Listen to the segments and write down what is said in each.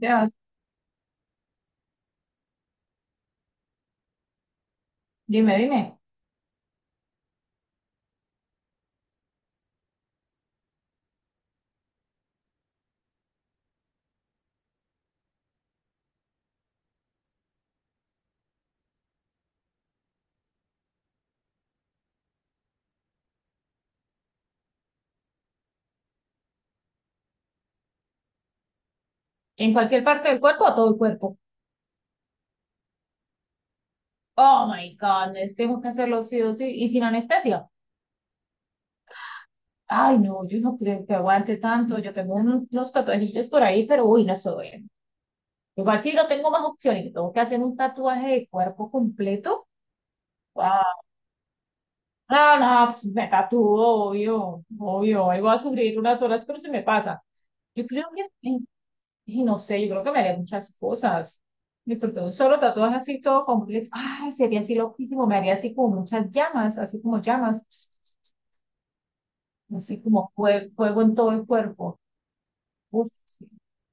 Sebas. Dime, dime. ¿En cualquier parte del cuerpo o todo el cuerpo? Oh my goodness, tengo que hacerlo sí o sí. ¿Y sin anestesia? Ay, no, yo no creo que aguante tanto. Yo tengo unos tatuajillos por ahí, pero uy, no soy. Bien. Igual si no tengo más opciones, tengo que hacer un tatuaje de cuerpo completo. Wow. No, no, pues me tatúo, obvio, obvio. Ahí voy a sufrir unas horas, pero se me pasa. Yo creo que y no sé, yo creo que me haría muchas cosas. Me porque un solo tatuaje así todo completo. Ay, sería así loquísimo. Me haría así como muchas llamas. Así como fuego en todo el cuerpo. Uf, sí.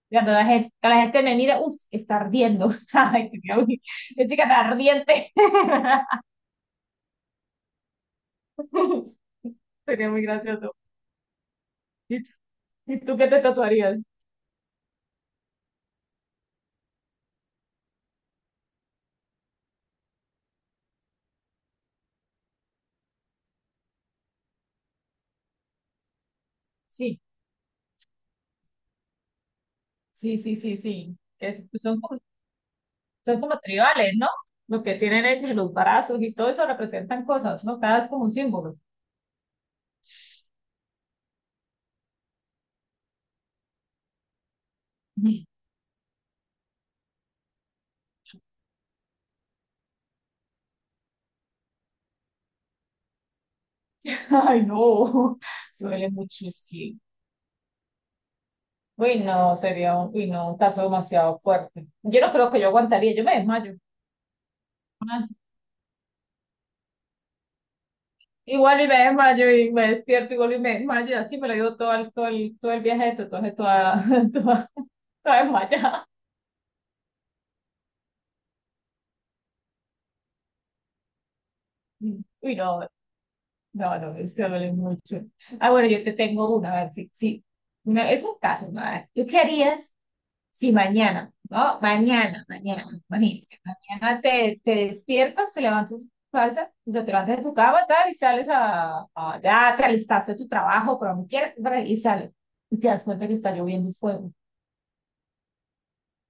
Cuando la gente me mira, uf, está ardiendo. Ay, sería muy, es que está ardiente. Sería muy gracioso. ¿Y, y tú qué te tatuarías? Sí, sí, sí, sí, sí. Es, son son como tribales, ¿no? Lo que tienen ellos, los brazos y todo eso representan cosas, ¿no? Cada es como un símbolo. Ay, no, suele muchísimo. Uy, no, sería un, uy, no, un caso demasiado fuerte. Yo no creo que yo aguantaría, yo me desmayo. Ah, Igual y me desmayo y me despierto, igual y me desmayo, y así me lo llevo todo el viaje, entonces toda, toda, toda desmayada. Uy, no, no, no, es que duele mucho. Ah, bueno, yo te tengo una, a ver si, si, una, es un caso, ¿no? A ver, ¿tú qué harías? Sí, mañana, ¿no? Mañana, mañana, imagínate. Mañana te, te despiertas, te levantas, salsa, te levantas de tu cama, tal, y sales a, ya te alistaste tu trabajo, pero no quieres, bra, y sales. Y te das cuenta que está lloviendo fuego.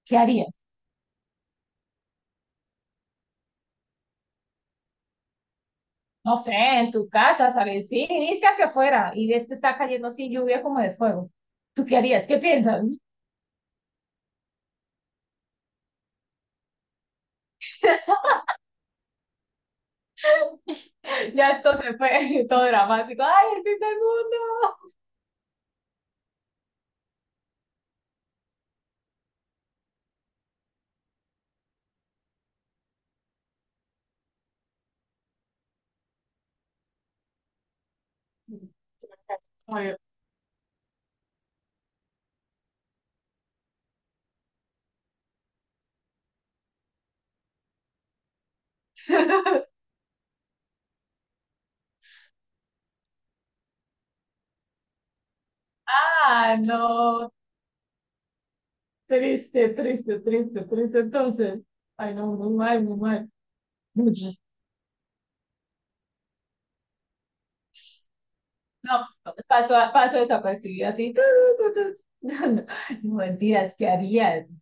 ¿Qué harías? No sé, en tu casa, sales, sí, viniste hacia afuera y ves que está cayendo así lluvia como de fuego. ¿Tú qué harías? ¿Qué piensas? Ya esto se fue, todo dramático. ¡Ay, el fin del mundo! Ah, no, triste, triste, triste, triste. Entonces, ay, no, muy mal, muy mal. No, paso, paso desapercibido así. Tu, tu, tu, tu. No, no, no, mentiras, ¿qué harías? O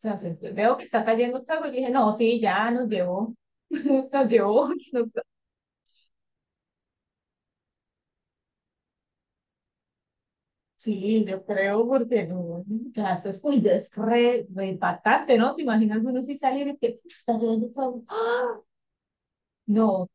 sea, se, veo que está cayendo fuego y dije, no, sí, ya nos llevó. Nos llevó. Nos. Sí, yo creo, porque no, ya eso es muy des, re, re impactante, ¿no? Te imaginas uno si salir y que "Uf, está cayendo fuego. ¡Ah!". No.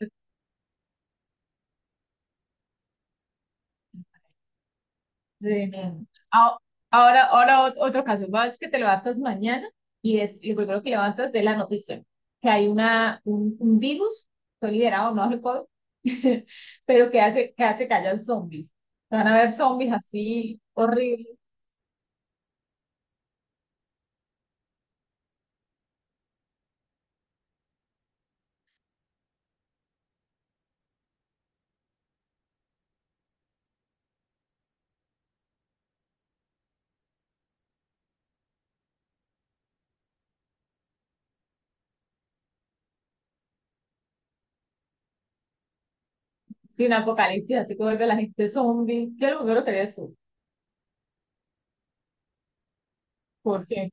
Sí, no. Ah, ahora, ahora otro caso, vas que te levantas mañana y es lo primero que levantas de la noticia, que hay un virus, fue liberado, no recuerdo, pero que hace que hayan zombies. Van a haber zombies así, horribles, sin apocalipsis, así que vuelve la gente zombie. Yo lo primero que haría es eso, porque,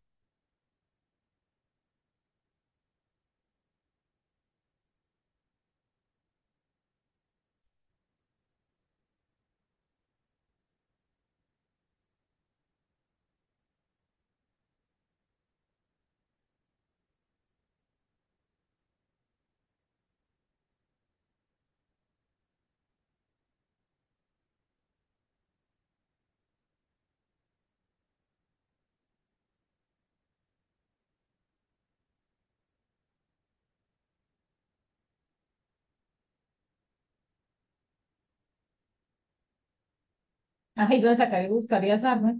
ajá, ¿y dónde sacar y buscarías armas?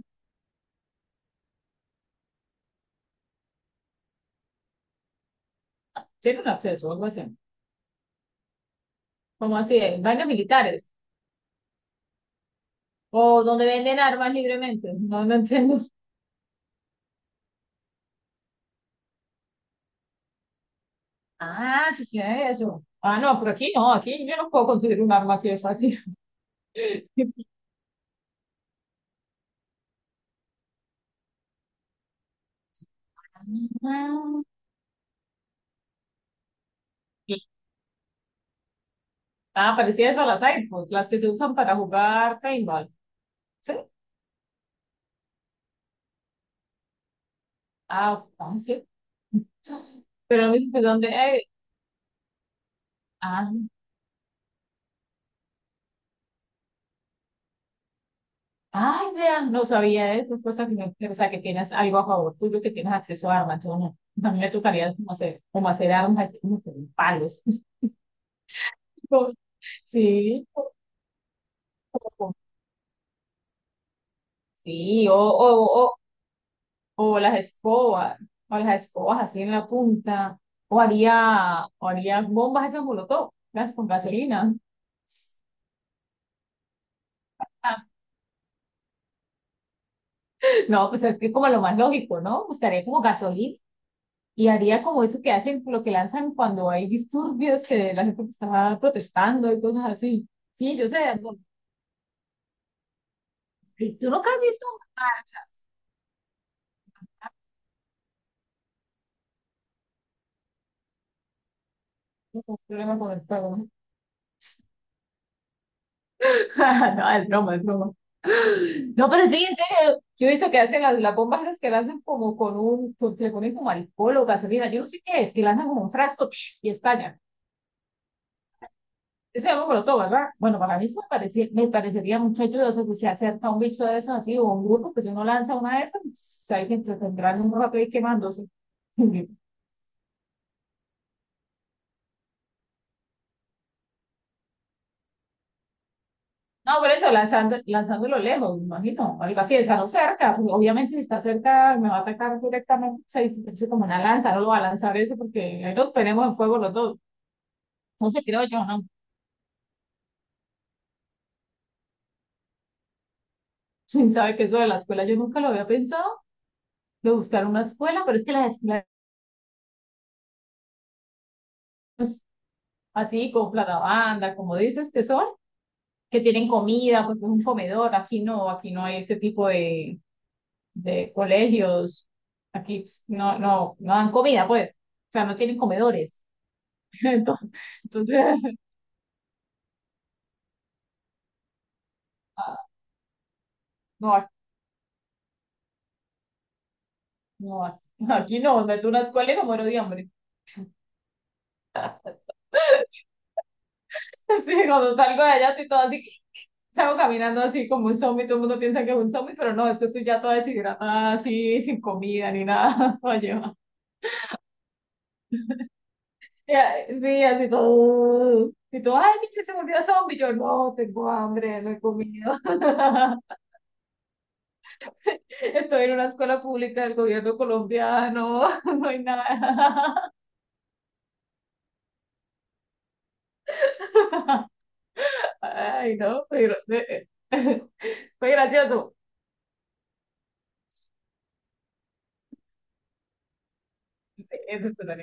Tiene un acceso o algo así, como así, en vainas militares, o donde venden armas libremente, no, no entiendo. Ah, sí, sí, eso. Ah, no, pero aquí no, aquí yo no puedo conseguir un arma así de fácil. Ah, sí. Ah, parecidas a las iPhones, las que se usan para jugar paintball. ¿Sí? Ah, ah, sí. Pero no dices de dónde. Ah, ay, vean, no sabía eso. Cosa que no, o sea, que tienes algo a favor tuyo, que tienes acceso a armas. Yo no. A mí me tocaría como hacer armas, aquí, como con palos. Sí, o, sí, o las escobas, o las escobas así en la punta, o haría bombas esas molotov, las con gasolina. No, pues es que como lo más lógico, ¿no? Buscaría como gasolina y haría como eso que hacen, lo que lanzan cuando hay disturbios, que la gente está protestando y cosas así. Sí, yo sé, no, tú nunca has visto un problema con el fuego. No, es broma, es broma. No, pero sí, en serio, yo he visto que hacen las bombas esas que lanzan como con un, con, que le ponen como alcohol o gasolina, yo no sé qué es, que lanzan como un frasco psh, y estalla. Eso es molotov, ¿verdad? Bueno, para mí eso me, parece, me parecería mucho ayudoso si se acerca un bicho de esos así o un grupo que si uno lanza una de esas, pues, ahí se entretendrán un rato ahí quemándose. No, por eso, lanzando, lanzándolo lejos, me imagino, algo así, o sea, no cerca, pues, obviamente si está cerca me va a atacar directamente, o sea, es como una lanza, no lo va a lanzar eso porque ahí nos tenemos en fuego los dos. No sé, creo yo, no. Sí, sabe que eso de la escuela yo nunca lo había pensado, de buscar una escuela, pero es que las escuelas así, con banda, como dices, que son, que tienen comida, pues es un comedor, aquí no hay ese tipo de colegios, aquí pues, no, no, no dan comida, pues, o sea, no tienen comedores. Entonces, entonces ah, no, aquí no, aquí no, meto una escuela y me muero de hambre. Sí, cuando salgo de allá estoy toda así. Salgo caminando así como un zombie, todo el mundo piensa que es un zombie, pero no, es que estoy ya toda deshidratada, así, sin comida ni nada. Oye, ma. Ya, sí, así todo. Y todo, ay, mira, se volvió zombie. Yo no, tengo hambre, no he comido. Estoy en una escuela pública del gobierno colombiano, no hay nada. Ay, no, pero. Fue gracioso. Eso es una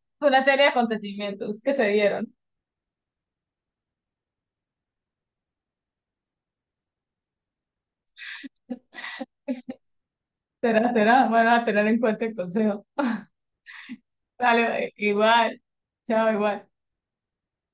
una serie de acontecimientos que se dieron. Será, será, van a tener en cuenta el consejo. Dale, igual. Chao, igual.